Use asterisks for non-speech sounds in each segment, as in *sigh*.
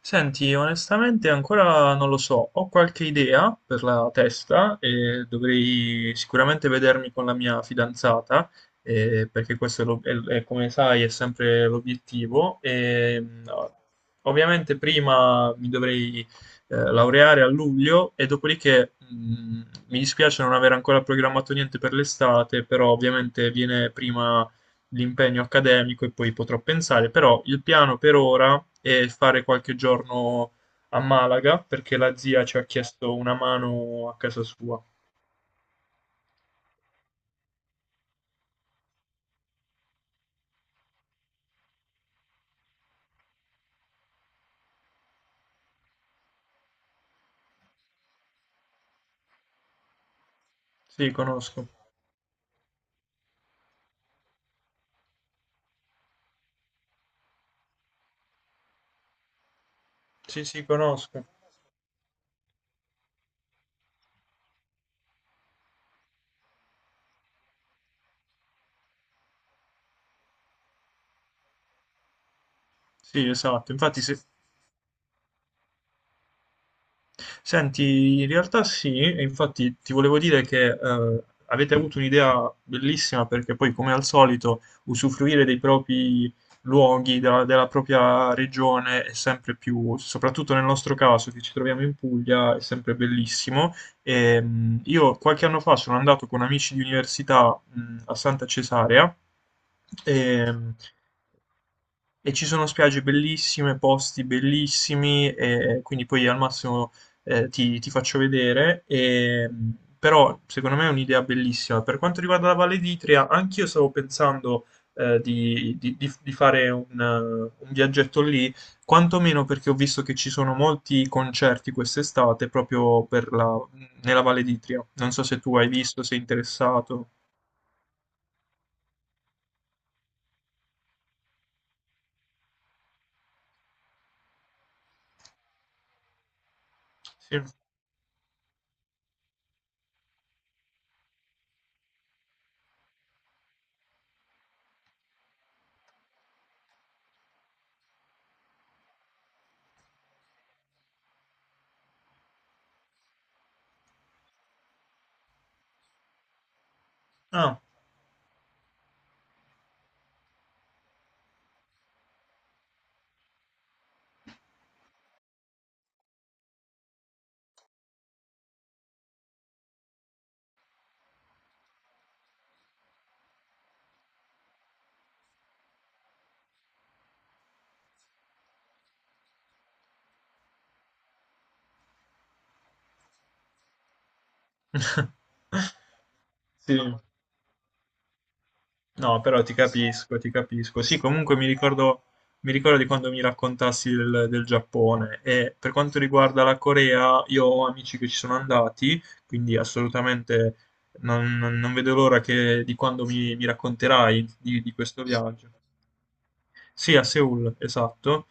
Senti, onestamente ancora non lo so, ho qualche idea per la testa e dovrei sicuramente vedermi con la mia fidanzata, perché questo è, come sai è sempre l'obiettivo. Ovviamente prima mi dovrei laureare a luglio e dopodiché mi dispiace non aver ancora programmato niente per l'estate, però ovviamente viene prima l'impegno accademico e poi potrò pensare, però il piano per ora è fare qualche giorno a Malaga perché la zia ci ha chiesto una mano a casa sua. Sì, conosco. Sì, sì, conosco. Sì, esatto. Infatti se, Senti, in realtà sì, e infatti ti volevo dire che avete avuto un'idea bellissima perché poi, come al solito, usufruire dei propri luoghi, della propria regione è sempre più, soprattutto nel nostro caso che ci troviamo in Puglia, è sempre bellissimo. Io qualche anno fa sono andato con amici di università a Santa Cesarea. E, e ci sono spiagge bellissime, posti bellissimi, e quindi poi al massimo ti faccio vedere. Però secondo me è un'idea bellissima. Per quanto riguarda la Valle d'Itria, anch'io stavo pensando di fare un viaggetto lì, quantomeno perché ho visto che ci sono molti concerti quest'estate proprio nella Valle d'Itria. Non so se tu hai visto, sei interessato. Sì. Ah. *laughs* Sì. No, però ti capisco, ti capisco. Sì, comunque mi ricordo di quando mi raccontassi del Giappone e per quanto riguarda la Corea, io ho amici che ci sono andati, quindi assolutamente non vedo l'ora di quando mi racconterai di questo viaggio. Sì, a Seoul, esatto.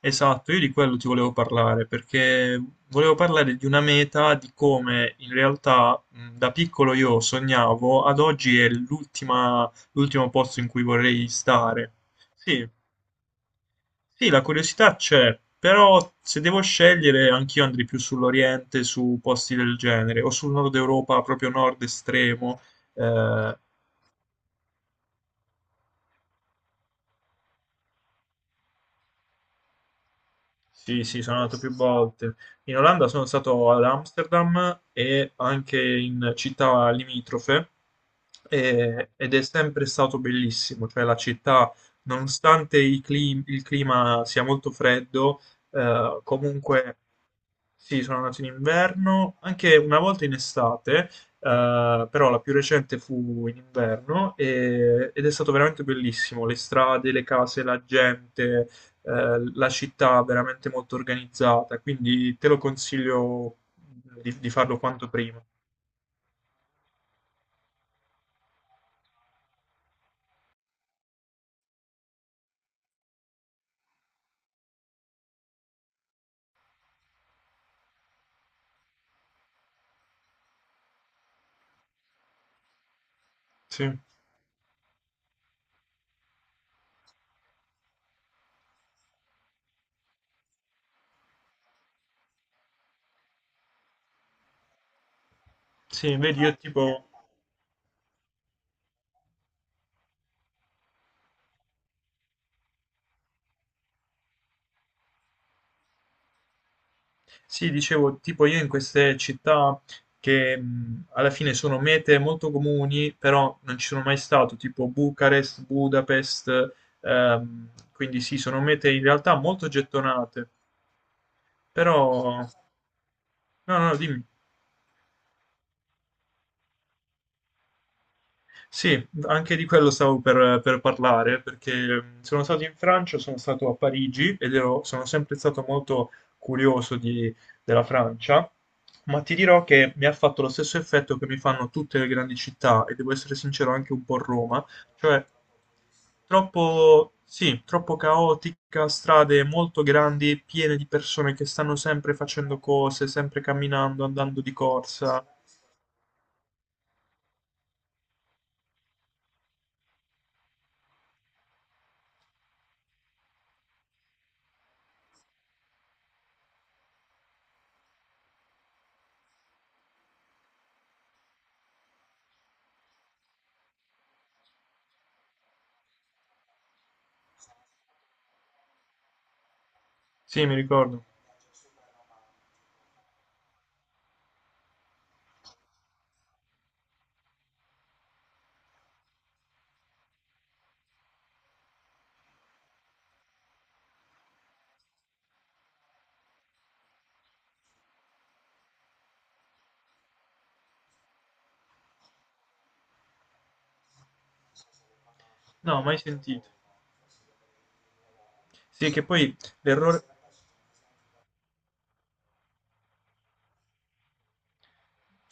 Esatto, io di quello ti volevo parlare perché volevo parlare di una meta di come in realtà da piccolo io sognavo, ad oggi è l'ultimo posto in cui vorrei stare. Sì, sì, la curiosità c'è, però se devo scegliere anch'io andrei più sull'Oriente, su posti del genere, o sul nord Europa, proprio nord estremo, eh, Sì, sì, sono andato più volte. In Olanda sono stato ad Amsterdam e anche in città limitrofe ed è sempre stato bellissimo, cioè la città, nonostante i il clima sia molto freddo, comunque sì, sono nato in inverno, anche una volta in estate, però la più recente fu in inverno ed è stato veramente bellissimo. Le strade, le case, la gente, la città veramente molto organizzata, quindi te lo consiglio di farlo quanto prima. Sì, sì, vedi, io tipo... Sì, dicevo, tipo io in queste città che alla fine sono mete molto comuni, però non ci sono mai stato, tipo Bucarest, Budapest, quindi sì, sono mete in realtà molto gettonate, però... No, no, dimmi. Sì, anche di quello stavo per parlare, perché sono stato in Francia, sono stato a Parigi sono sempre stato molto curioso di- della Francia, ma ti dirò che mi ha fatto lo stesso effetto che mi fanno tutte le grandi città, e devo essere sincero anche un po' Roma, cioè troppo, sì, troppo caotica, strade molto grandi, piene di persone che stanno sempre facendo cose, sempre camminando, andando di corsa. Sì, mi ricordo. No, mai sentito. Sì, che poi l'errore,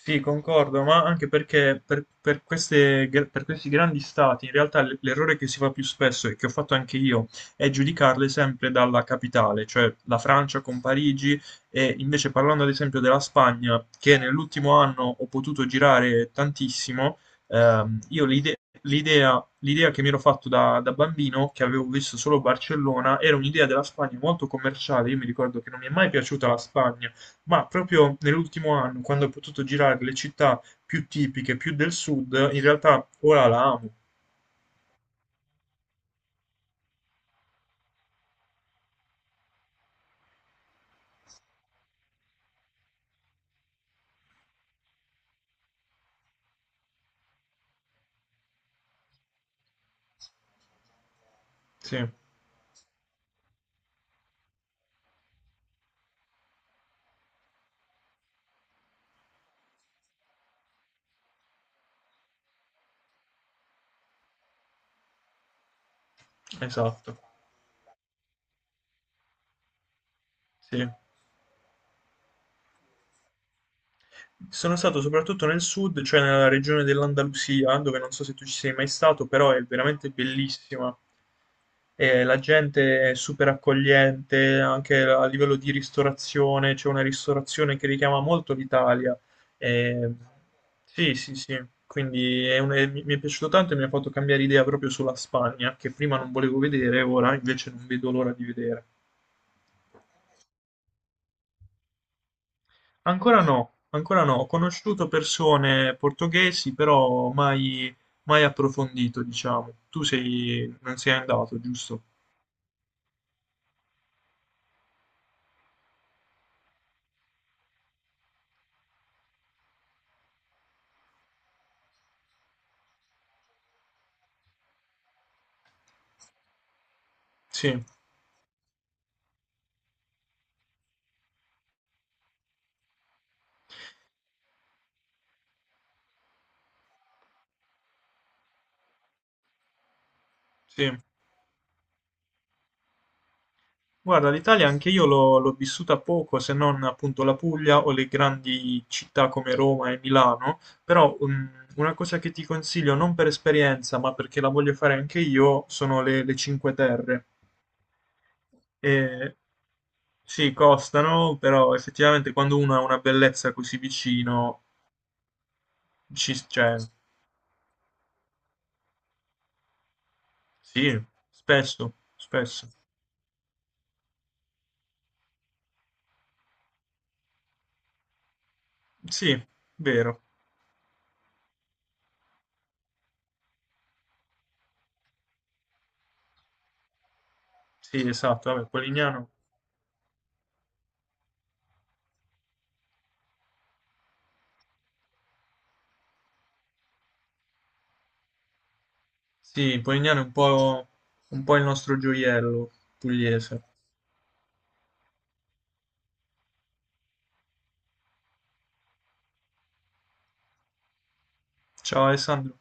sì, concordo, ma anche perché per queste, per questi grandi stati, in realtà l'errore che si fa più spesso e che ho fatto anche io è giudicarle sempre dalla capitale, cioè la Francia con Parigi e invece parlando ad esempio della Spagna, che nell'ultimo anno ho potuto girare tantissimo, io l'idea che mi ero fatto da bambino, che avevo visto solo Barcellona, era un'idea della Spagna molto commerciale, io mi ricordo che non mi è mai piaciuta la Spagna. Ma proprio nell'ultimo anno, quando ho potuto girare le città più tipiche, più del sud, in realtà ora la amo. Sì, esatto. Sì. Sono stato soprattutto nel sud, cioè nella regione dell'Andalusia, dove non so se tu ci sei mai stato, però è veramente bellissima. E la gente è super accogliente, anche a livello di ristorazione, c'è una ristorazione che richiama molto l'Italia. E- Sì, sì, sì, quindi è mi è piaciuto tanto e mi ha fatto cambiare idea proprio sulla Spagna, che prima non volevo vedere, ora invece non vedo l'ora di vedere. Ancora no, ancora no. Ho conosciuto persone portoghesi, però mai, mai approfondito, diciamo. Tu sei, non sei andato, giusto? Sì, sì. Guarda, l'Italia anche io l'ho vissuta poco, se non appunto la Puglia o le grandi città come Roma e Milano, però una cosa che ti consiglio, non per esperienza, ma perché la voglio fare anche io, sono le Cinque Terre. E sì, costano, però effettivamente quando uno ha una bellezza così vicino, ci, cioè, sì, spesso, spesso. Sì, vero. Sì, esatto, vabbè, Polignano. Sì, Polignano è un po' il nostro gioiello pugliese. Ciao Alessandro.